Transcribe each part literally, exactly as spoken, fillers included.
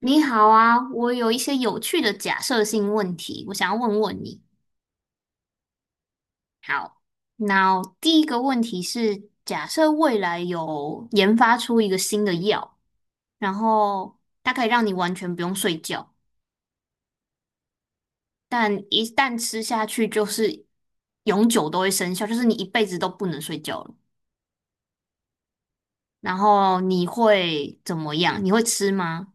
你好啊，我有一些有趣的假设性问题，我想要问问你。好，那第一个问题是，假设未来有研发出一个新的药，然后它可以让你完全不用睡觉，但一旦吃下去就是永久都会生效，就是你一辈子都不能睡觉了。然后你会怎么样？你会吃吗？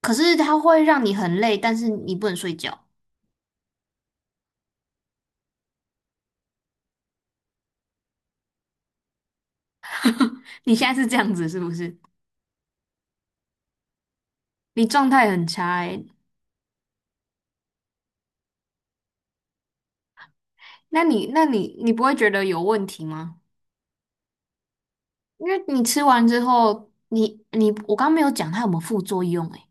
可是它会让你很累，但是你不能睡觉。你现在是这样子是不是？你状态很差欸。那你那你你不会觉得有问题吗？因为你吃完之后，你你我刚没有讲它有没有副作用诶。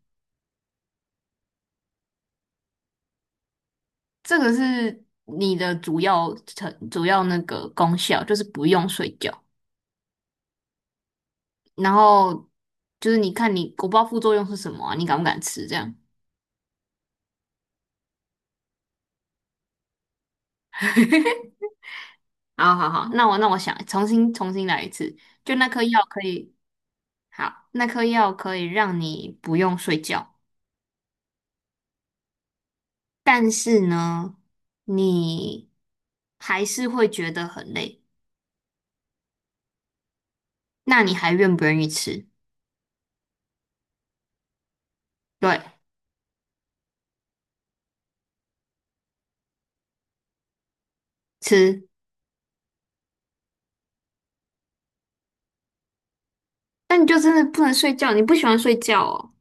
这个是你的主要成主要那个功效，就是不用睡觉，然后就是你看你我不知道副作用是什么啊，你敢不敢吃这样？好好好，那我那我想重新重新来一次，就那颗药可以，好，那颗药可以让你不用睡觉。但是呢，你还是会觉得很累，那你还愿不愿意吃？对，吃，那你就真的不能睡觉，你不喜欢睡觉哦，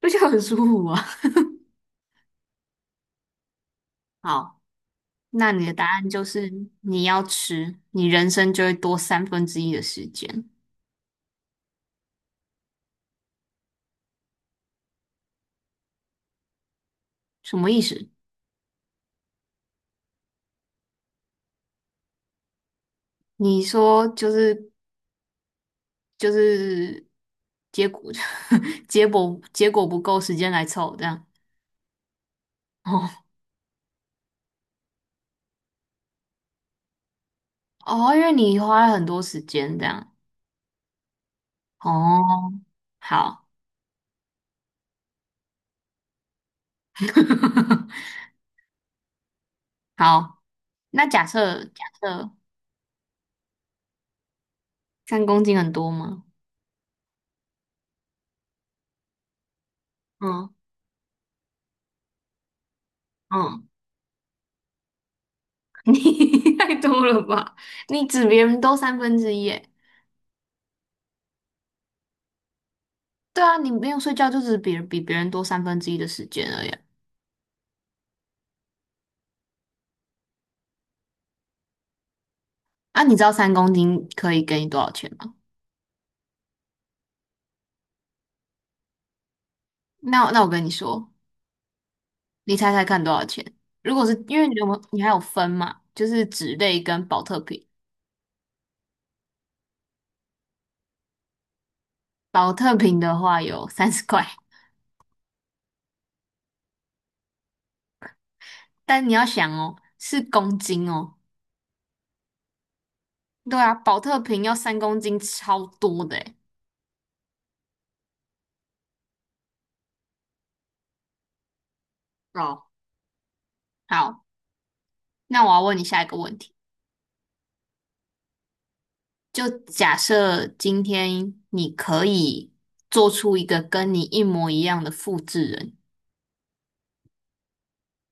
睡觉很舒服啊。好，那你的答案就是你要吃，你人生就会多三分之一的时间，什么意思？你说就是就是结果 结果结果不够时间来凑这样。哦 哦，因为你花了很多时间这样。哦，好，好，那假设假设三公斤很多吗？嗯嗯，你太多了吧？你指别人多三分之一耶？对啊，你不用睡觉就只别人比别人多三分之一的时间而已啊。啊你知道三公斤可以给你多少钱吗？那那我跟你说，你猜猜看多少钱？如果是因为你有你还有分嘛，就是脂类跟保特瓶，保特瓶的话有三十块，但你要想哦，是公斤哦。对啊，保特瓶要三公斤，超多的诶。哦，好，那我要问你下一个问题，就假设今天你可以做出一个跟你一模一样的复制人，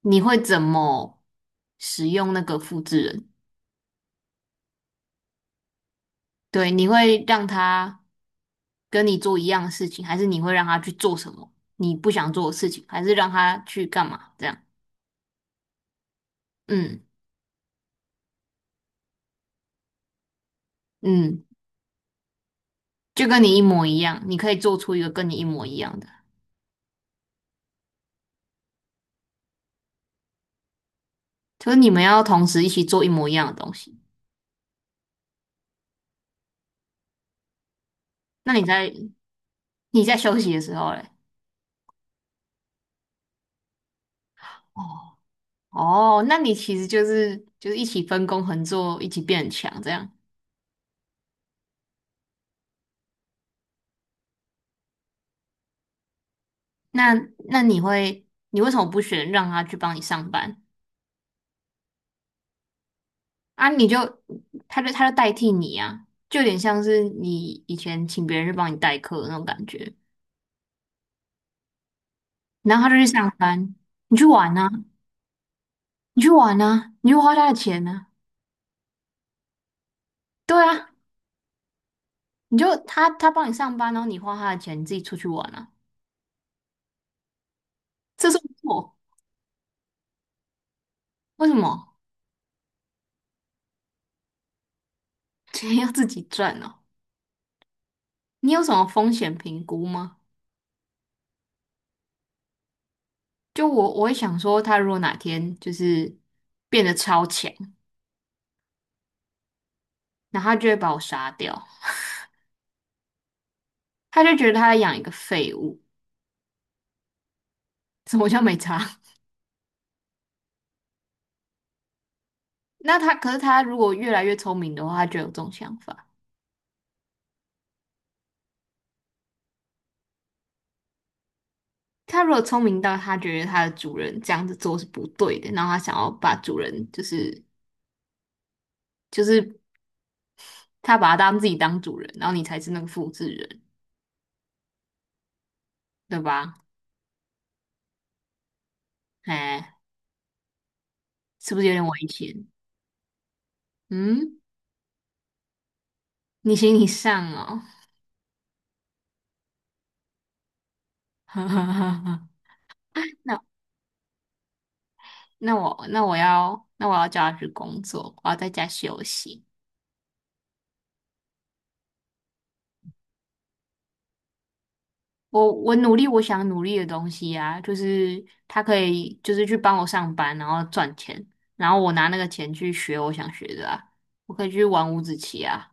你会怎么使用那个复制人？对，你会让他跟你做一样的事情，还是你会让他去做什么你不想做的事情，还是让他去干嘛？这样，嗯嗯，就跟你一模一样，你可以做出一个跟你一模一样的。就是你们要同时一起做一模一样的东西。那你在你在休息的时候嘞？哦哦，那你其实就是就是一起分工合作，一起变很强这样。那那你会你为什么不选让他去帮你上班啊？你就他就他就代替你啊，就有点像是你以前请别人去帮你代课的那种感觉。然后他就去上班，你去玩啊，你去玩啊，你去花他的钱呢、啊。对啊，你就他他帮你上班，然后你花他的钱，你自己出去玩啊。这是错？为什么？钱要自己赚呢？你有什么风险评估吗？就我，我会想说，他如果哪天就是变得超强，然后他就会把我杀掉，他就觉得他在养一个废物，什么叫没差？那他，可是他如果越来越聪明的话，他就有这种想法。他如果聪明到他觉得他的主人这样子做是不对的，然后他想要把主人就是就是他把他当自己当主人，然后你才是那个复制人，对吧？哎，是不是有点危险？嗯，你行你上哦，哈哈哈哈，那那我那我要那我要叫他去工作，我要在家休息。我我努力我想努力的东西啊，就是他可以就是去帮我上班，然后赚钱，然后我拿那个钱去学我想学的啊，我可以去玩五子棋啊，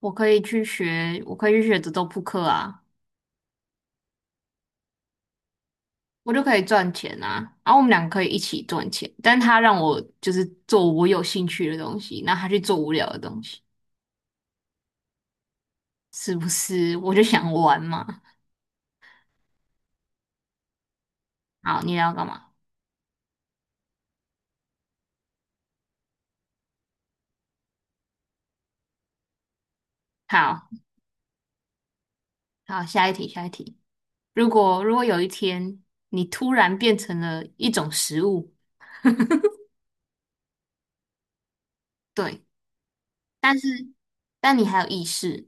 我可以去学，我可以去学德州扑克啊，我就可以赚钱啊，然后我们两个可以一起赚钱，但他让我就是做我有兴趣的东西，然后他去做无聊的东西。是不是？我就想玩嘛。好，你要干嘛？好，好，下一题，下一题。如果如果有一天你突然变成了一种食物，对，但是但你还有意识，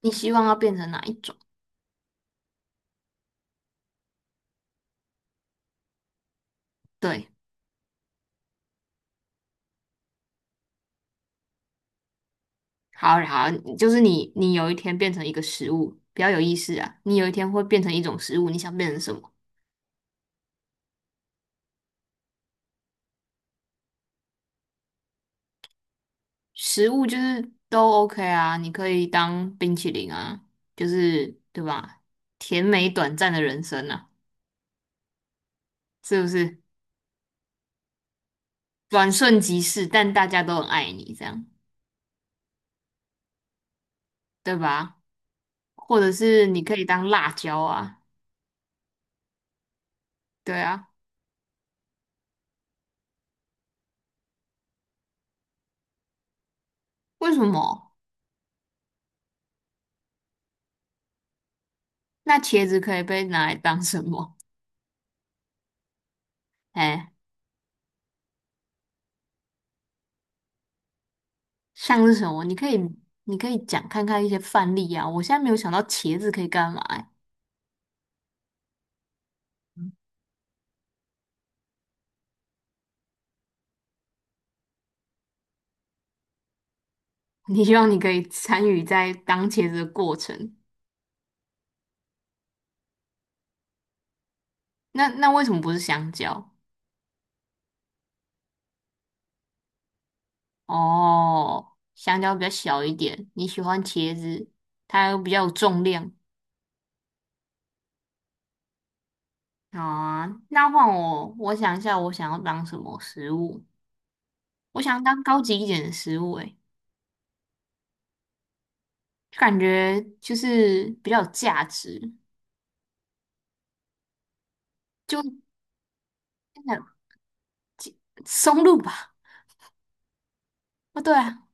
你希望要变成哪一种？对，好好，就是你你有一天变成一个食物，比较有意思啊。你有一天会变成一种食物，你想变成什么？食物就是都 OK 啊，你可以当冰淇淋啊，就是对吧？甜美短暂的人生啊，是不是？转瞬即逝，但大家都很爱你，这样对吧？或者是你可以当辣椒啊，对啊，为什么？那茄子可以被拿来当什么？哎，像是什么？你可以，你可以讲看看一些范例啊。我现在没有想到茄子可以干嘛、欸 你希望你可以参与在当茄子的过程。那那为什么不是香蕉？哦，香蕉比较小一点，你喜欢茄子，它又比较有重量，好啊，那换我，我想一下，我想要当什么食物？我想要当高级一点的食物、欸，诶，就感觉就是比较有价值，就真的松露吧？哦，对啊，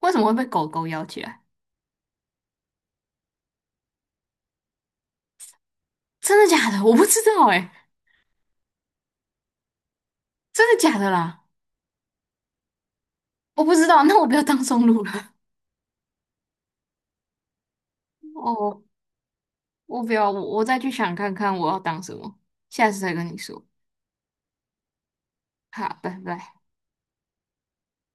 为什么会被狗狗咬起来？真的假的？我不知道、欸，诶，真的假的啦？我不知道，那我不要当松露了。哦，我不要，我我再去想看看我要当什么，下次再跟你说。好，拜拜。